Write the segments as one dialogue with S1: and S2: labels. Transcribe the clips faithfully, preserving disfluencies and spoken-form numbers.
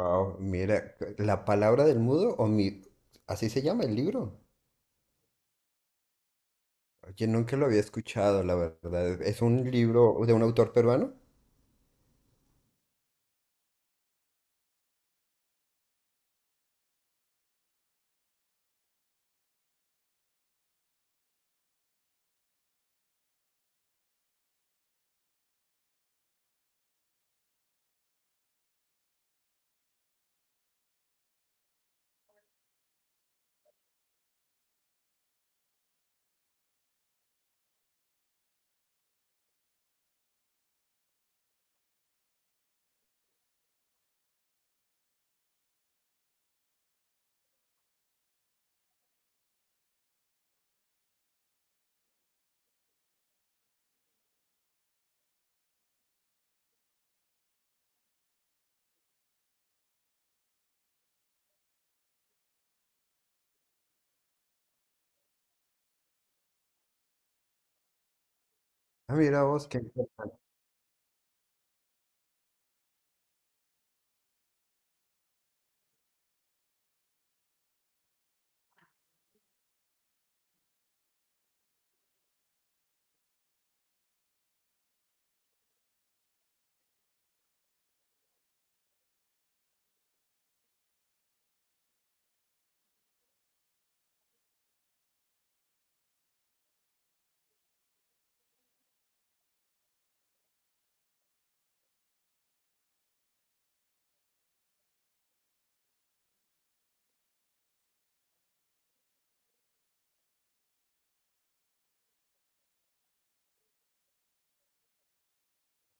S1: Wow, mira, la palabra del mudo o mi, así se llama el libro. Oye, nunca lo había escuchado, la verdad. Es un libro de un autor peruano. Ah, mira vos, qué...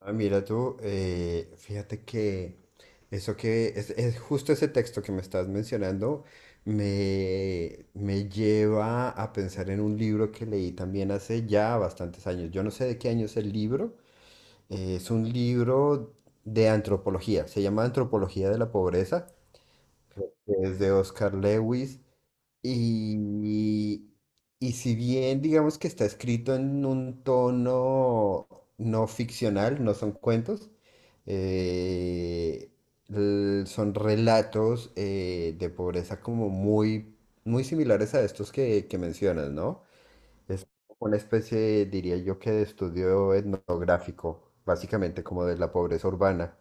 S1: Ah, mira tú, eh, fíjate que eso que es, es justo ese texto que me estás mencionando me, me lleva a pensar en un libro que leí también hace ya bastantes años. Yo no sé de qué año es el libro. Eh, es un libro de antropología. Se llama Antropología de la Pobreza. Es de Oscar Lewis. Y, y si bien digamos que está escrito en un tono no ficcional, no son cuentos, eh, l- son relatos eh, de pobreza como muy, muy similares a estos que, que mencionas, ¿no? Es una especie, diría yo, que de estudio etnográfico, básicamente como de la pobreza urbana.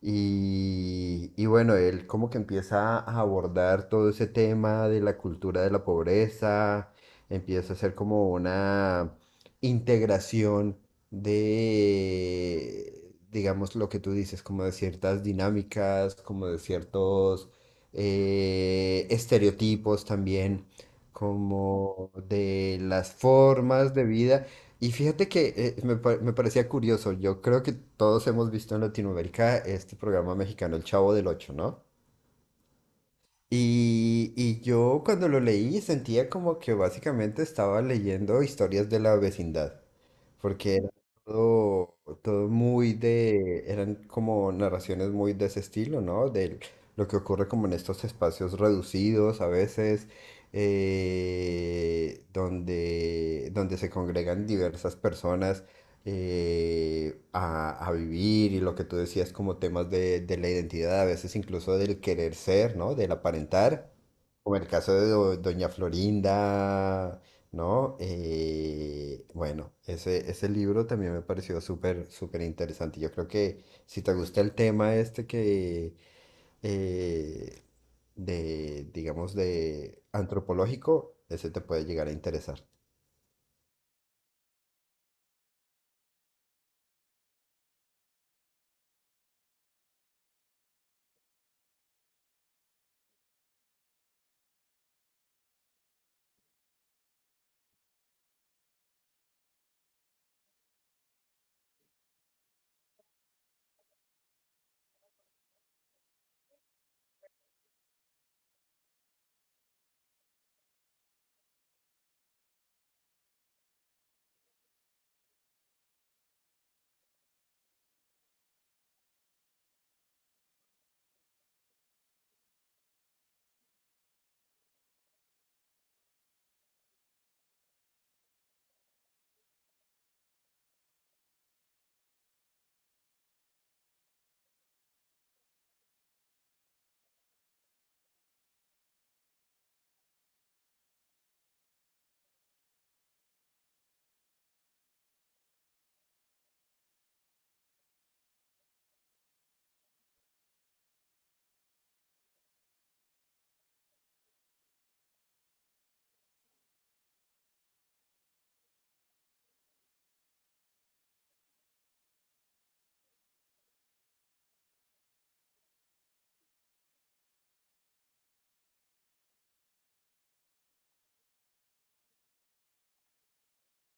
S1: Y, y bueno, él como que empieza a abordar todo ese tema de la cultura de la pobreza, empieza a hacer como una integración de, digamos, lo que tú dices, como de ciertas dinámicas, como de ciertos eh, estereotipos también, como de las formas de vida. Y fíjate que eh, me, pa- me parecía curioso, yo creo que todos hemos visto en Latinoamérica este programa mexicano El Chavo del Ocho, ¿no? Y, y yo cuando lo leí sentía como que básicamente estaba leyendo historias de la vecindad, porque era todo, todo muy de, eran como narraciones muy de ese estilo, ¿no? De lo que ocurre como en estos espacios reducidos a veces, eh, donde, donde se congregan diversas personas eh, a, a vivir y lo que tú decías como temas de, de la identidad, a veces incluso del querer ser, ¿no? Del aparentar, como el caso de Do- Doña Florinda, ¿no? Eh, bueno, ese, ese libro también me pareció súper, súper interesante. Yo creo que si te gusta el tema este que... eh, de, digamos, de antropológico, ese te puede llegar a interesar.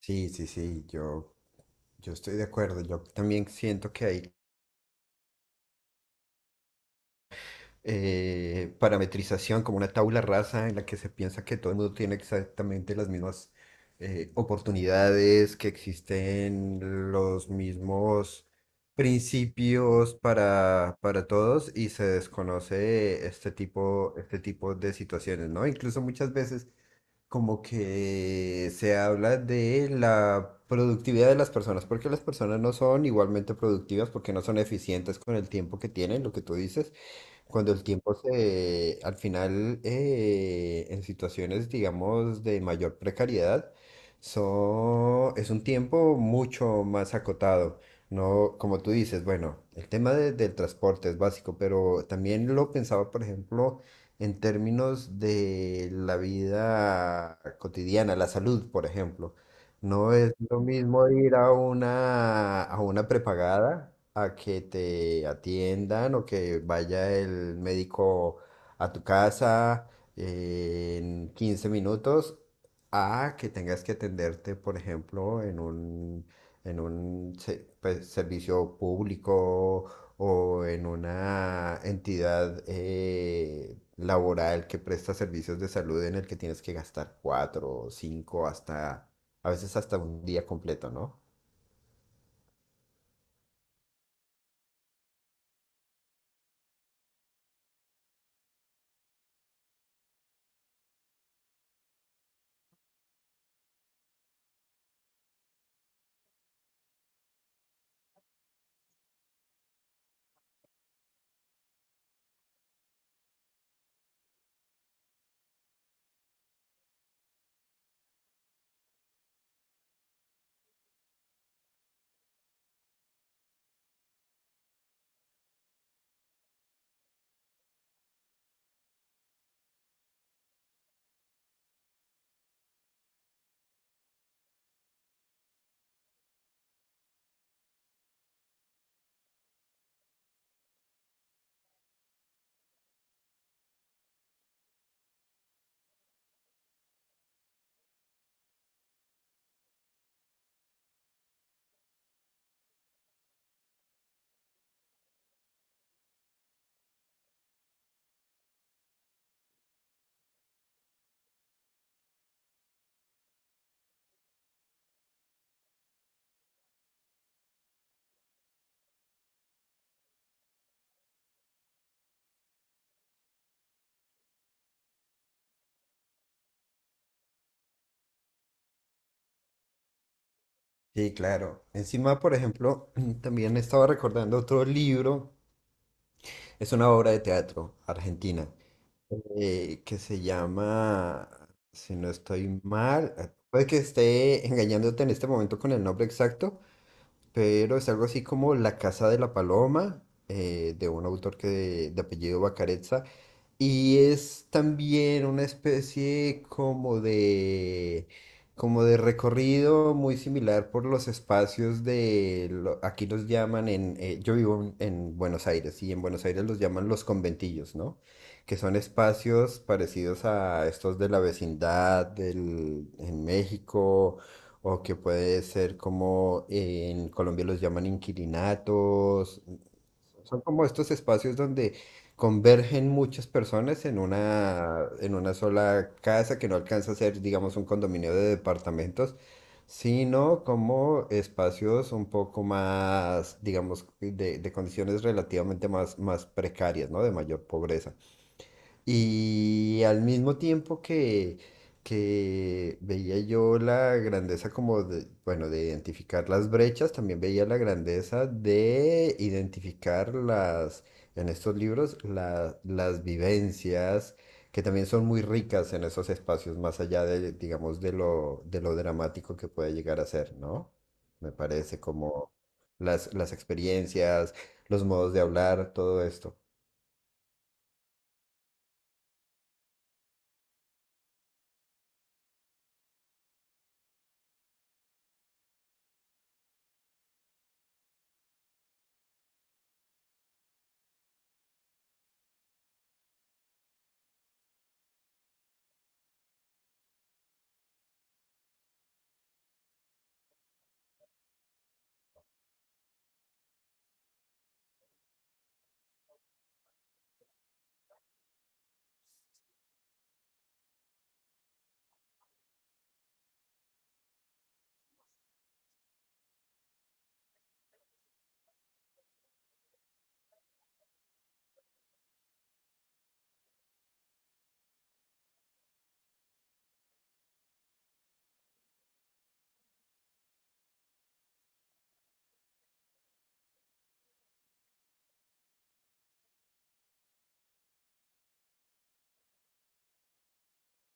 S1: Sí, sí, sí, yo yo estoy de acuerdo, yo también siento que hay eh, parametrización como una tabla rasa en la que se piensa que todo el mundo tiene exactamente las mismas eh, oportunidades, que existen los mismos principios para, para todos y se desconoce este tipo, este tipo de situaciones, ¿no? Incluso muchas veces como que se habla de la productividad de las personas, porque las personas no son igualmente productivas, porque no son eficientes con el tiempo que tienen, lo que tú dices. Cuando el tiempo se, al final, eh, en situaciones, digamos, de mayor precariedad, so- es un tiempo mucho más acotado. No, como tú dices, bueno, el tema de- del transporte es básico, pero también lo pensaba, por ejemplo, en términos de la vida cotidiana, la salud, por ejemplo. No es lo mismo ir a una, a una prepagada a que te atiendan o que vaya el médico a tu casa en quince minutos a que tengas que atenderte, por ejemplo, en un, en un se- pues, servicio público o en una entidad eh, laboral que presta servicios de salud en el que tienes que gastar cuatro o cinco hasta a veces hasta un día completo, ¿no? Sí, claro. Encima, por ejemplo, también estaba recordando otro libro, es una obra de teatro argentina, eh, que se llama, si no estoy mal, eh, puede que esté engañándote en este momento con el nombre exacto, pero es algo así como La Casa de la Paloma, eh, de un autor que de, apellido Bacarezza, y es también una especie como de, como de recorrido muy similar por los espacios de, lo- aquí los llaman en, eh, yo vivo en, en Buenos Aires y en Buenos Aires los llaman los conventillos, ¿no? Que son espacios parecidos a estos de la vecindad del, en México o que puede ser como en Colombia los llaman inquilinatos. Son como estos espacios donde convergen muchas personas en una, en una sola casa que no alcanza a ser, digamos, un condominio de departamentos, sino como espacios un poco más, digamos, de, de condiciones relativamente más, más precarias, ¿no? De mayor pobreza. Y al mismo tiempo que, que veía yo la grandeza como de, bueno, de identificar las brechas, también veía la grandeza de identificar las, en estos libros, la- las vivencias que también son muy ricas en esos espacios, más allá de, digamos, de lo, de lo dramático que puede llegar a ser, ¿no? Me parece como las, las experiencias, los modos de hablar, todo esto.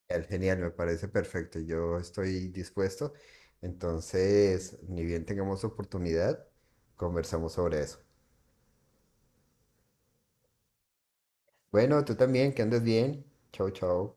S1: Genial, genial, me parece perfecto. Yo estoy dispuesto. Entonces, ni bien tengamos oportunidad, conversamos sobre eso. Bueno, tú también, que andes bien. Chau, chau.